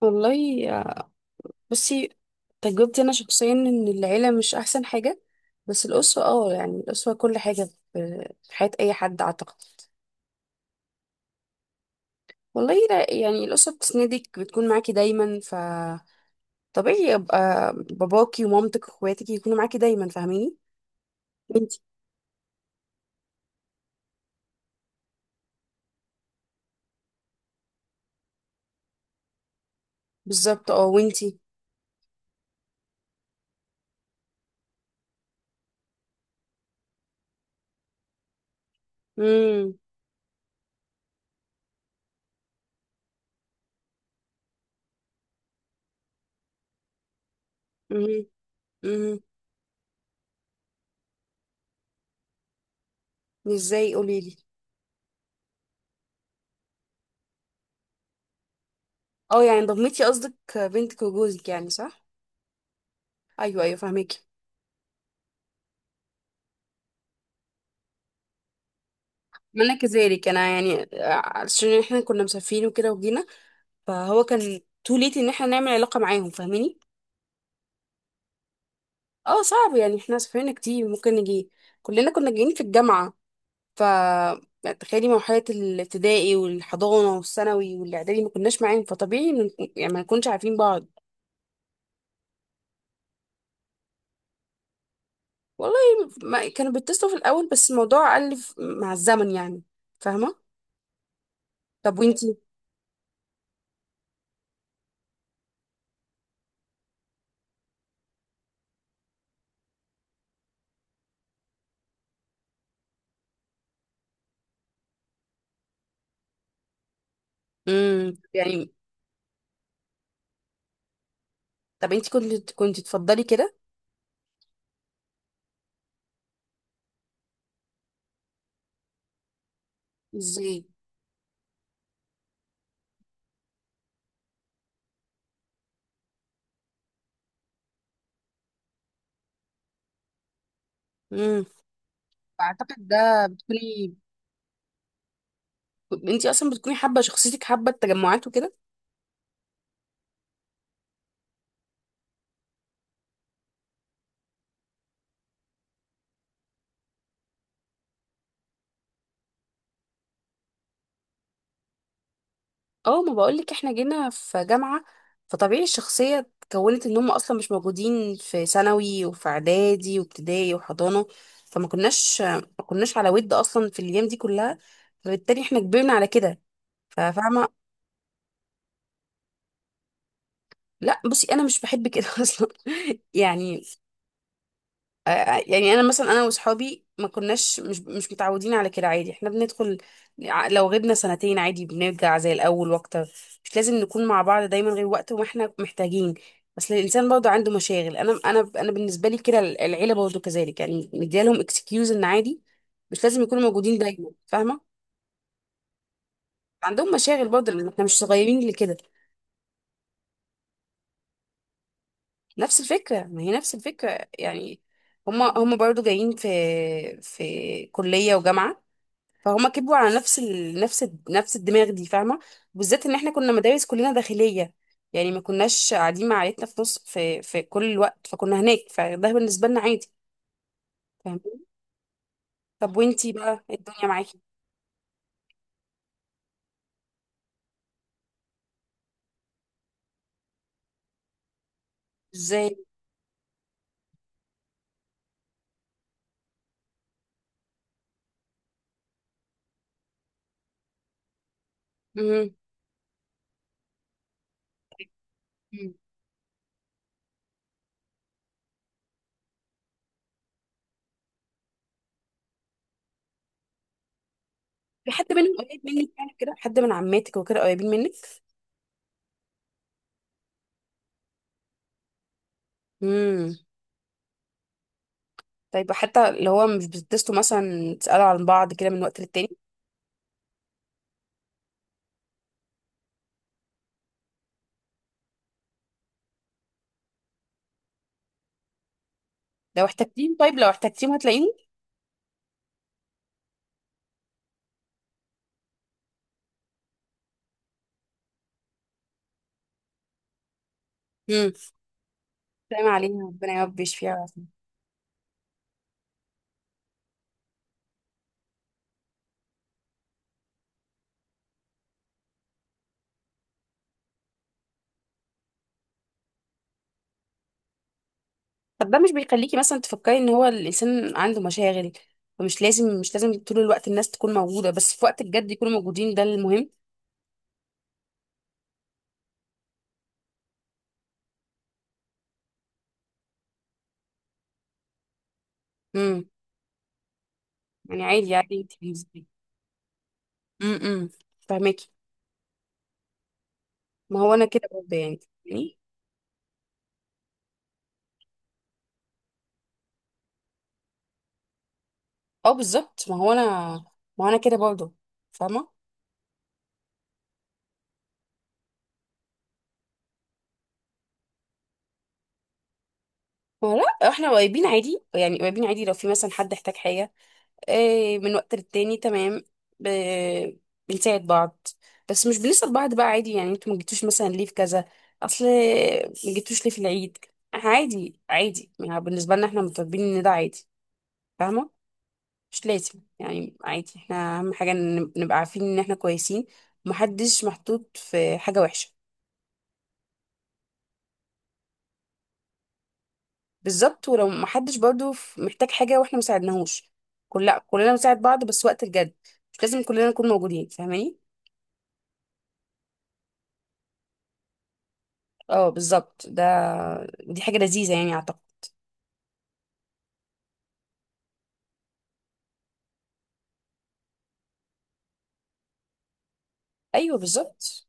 والله آه، بصي. تجربتي انا شخصيا ان العيله مش احسن حاجه. بس الاسره يعني الاسره كل حاجه في حياه اي حد اعتقد. والله لا، يعني الاسره بتسندك، بتكون معاكي دايما. طبيعي يبقى باباكي ومامتك واخواتك يكونوا معاكي دايما، فاهميني؟ وانتي؟ بالظبط اه، وانتي؟ امم. امم. امم. ازاي؟ قوليلي. اه، يعني ضمتي قصدك بنتك وجوزك يعني، صح؟ ايوه ايوه، فاهمك. انا كذلك، انا يعني عشان احنا كنا مسافرين وكده وجينا. فهو كان تو ليت ان احنا نعمل علاقه معاهم، فاهماني؟ اه صعب، يعني احنا سافرنا كتير، ممكن نجي كلنا كنا جايين في الجامعه. ف تخيلي مرحله الابتدائي والحضانه والثانوي والاعدادي ما كناش معاهم، فطبيعي يعني ما نكونش عارفين بعض. والله ما كانوا بيتصلوا في الاول، بس الموضوع قل مع الزمن يعني، فاهمه؟ طب وانتي؟ يعني. طب انتي كنت تفضلي كده؟ ازاي؟ اعتقد ده بتكوني، انتي اصلا بتكوني حابه شخصيتك، حابه التجمعات وكده. اه، ما بقولك احنا جينا في جامعه، فطبيعي الشخصيه اتكونت ان هم اصلا مش موجودين في ثانوي وفي اعدادي وابتدائي وحضانه. فما كناش ما كناش على ود اصلا في الايام دي كلها، فبالتالي احنا كبرنا على كده، ففاهمه. لا، بصي انا مش بحب كده اصلا يعني. آه، يعني انا مثلا انا واصحابي ما كناش مش متعودين على كده، عادي احنا بندخل. لو غبنا سنتين عادي بنرجع زي الاول واكتر. مش لازم نكون مع بعض دايما، غير وقت وما احنا محتاجين. بس الانسان برضه عنده مشاغل. انا بالنسبه لي كده، العيله برضه كذلك يعني، مديالهم اكسكيوز ان عادي. مش لازم يكونوا موجودين دايما، فاهمه؟ عندهم مشاغل برضه، لان احنا مش صغيرين لكده. نفس الفكره، ما هي نفس الفكره يعني. هما برضه جايين في كليه وجامعه. فهما كبروا على نفس الدماغ دي، فاهمه؟ بالذات ان احنا كنا مدارس كلنا داخليه. يعني ما كناش قاعدين مع عيلتنا في كل الوقت، فكنا هناك، فده بالنسبه لنا عادي. فاهمين؟ طب وانتي بقى الدنيا معاكي ازاي؟ امم. في حد منهم قريب منك يعني؟ كده حد من عماتك وكده قريبين منك؟ امم. طيب حتى اللي هو مش بتتصلوا مثلا، تسالوا عن بعض كده من وقت للتاني؟ لو احتجتيهم، طيب لو احتجتيهم هتلاقيهم؟ امم. سلام علينا، ربنا يا رب يشفيها. طب ده مش بيخليكي مثلا تفكري ان هو الانسان عنده مشاغل؟ فمش لازم مش لازم طول الوقت الناس تكون موجوده، بس في وقت الجد يكونوا موجودين، ده المهم. امم يعني. عادي عادي انت بالنسبه. امم، فاهماكي. ما هو انا كده برضه يعني. يعني. اه بالظبط، ما هو انا. ما هو انا كده برضه. فاهمه. ما هو لا، احنا قريبين عادي يعني، قريبين عادي. لو في مثلا حد احتاج حاجه آه، من وقت للتاني تمام. ب... بنساعد بعض. بس مش بنسأل بعض بقى. عادي يعني انتوا ما جيتوش مثلا ليه في كذا. اصل ما جيتوش ليه في العيد. عادي عادي، يعني بالنسبة لنا احنا متربيين ان ده عادي، فاهمة؟ مش لازم يعني. عادي، احنا اهم حاجة إن نبقى عارفين ان احنا كويسين ومحدش محطوط في حاجة وحشة. بالظبط. ولو محدش برضو محتاج حاجة واحنا مساعدناهوش. لا، كلنا بنساعد بعض، بس وقت الجد. مش لازم كلنا نكون موجودين، فاهماني؟ اه بالظبط ده. دي حاجة لذيذة يعني اعتقد. ايوه بالظبط.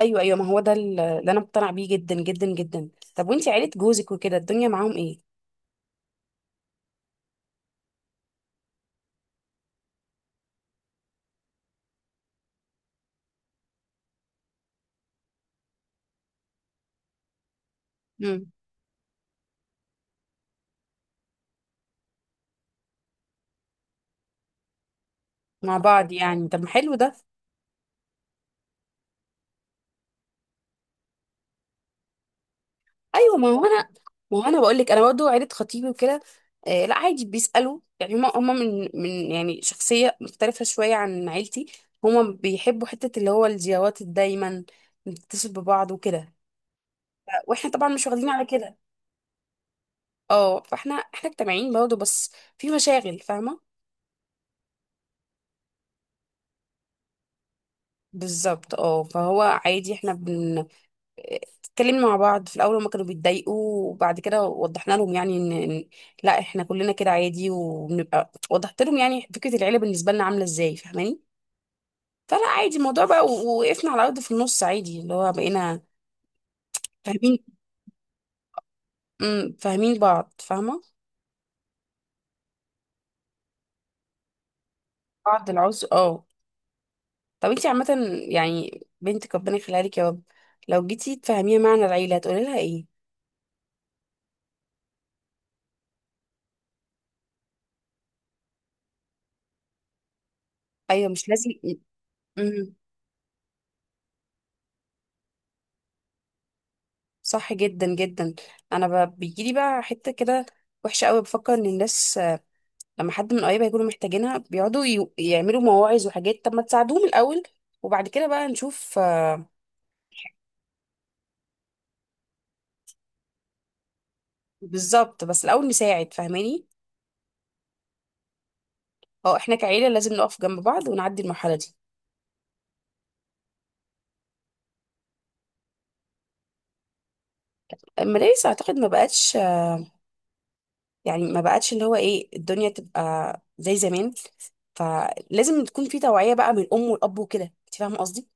ايوه ايوه، ما هو اللي انا مقتنعة بيه جدا جدا جدا. طب وانتي عيلة جوزك وكده، الدنيا معاهم ايه؟ مم. مع بعض يعني، طب ما حلو ده. ايوه، ما هو انا بقول لك، انا برضه عيلة خطيبي وكده. آه لا، عادي، بيسألوا يعني. هما من يعني شخصية مختلفة شوية عن عيلتي. هما بيحبوا حتة اللي هو الزيارات دايما، نتصل ببعض وكده. واحنا طبعا مش واخدين على كده. اه، فاحنا اجتماعيين برضه، بس في مشاغل، فاهمه؟ بالظبط اه، فهو عادي. احنا بن اتكلمنا مع بعض في الاول، هما كانوا بيتضايقوا. وبعد كده وضحنا لهم يعني إن لا احنا كلنا كده عادي وبنبقى. وضحت لهم يعني فكره العيله بالنسبه لنا عامله ازاي، فاهماني؟ فلا عادي، الموضوع بقى وقفنا على الارض في النص، عادي، اللي هو بقينا فاهمين. امم، فاهمين بعض، فاهمه. بعض العذر اه. طب انتي عامه. يعني بنتك ربنا يخليها لك يا رب، لو جيتي تفهميها معنى العيله هتقولي لها ايه؟ ايوه، مش لازم. امم. صح جدا جدا. انا بيجيلي بقى حته كده وحشه قوي، بفكر ان الناس لما حد من قرايبها يكونوا محتاجينها بيقعدوا يعملوا مواعظ وحاجات. طب ما تساعدوهم الاول وبعد كده بقى نشوف. بالظبط، بس الاول نساعد، فاهماني؟ اه، احنا كعيله لازم نقف جنب بعض ونعدي المرحله دي. المدارس اعتقد ما بقتش. يعني ما بقتش اللي هو ايه الدنيا تبقى زي زمان، فلازم تكون في توعيه بقى من الام والاب وكده، انت فاهمه قصدي؟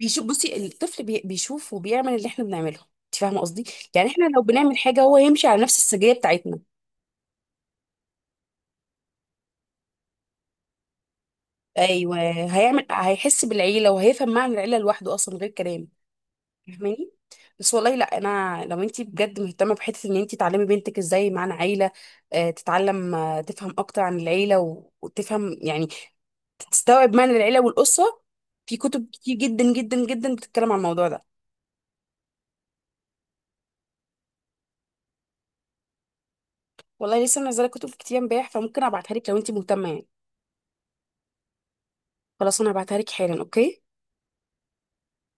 بيشوف، بصي الطفل بيشوف وبيعمل اللي احنا بنعمله، انت فاهمه قصدي؟ يعني احنا لو بنعمل حاجه هو هيمشي على نفس السجيه بتاعتنا. ايوه، هيعمل، هيحس بالعيله وهيفهم معنى العيله لوحده، اصلا من غير كلام، فاهماني؟ بس والله لا، انا لو انت بجد مهتمه بحته ان انت تعلمي بنتك ازاي معنى عيله، تتعلم تفهم اكتر عن العيله وتفهم يعني، تستوعب معنى العيله والاسره. في كتب كتير جدا جدا جدا بتتكلم عن الموضوع ده. والله لسه منزله كتب كتير امبارح، فممكن ابعتها لك لو انت مهتمه يعني. خلاص، انا هبعتها لك حالا. اوكي.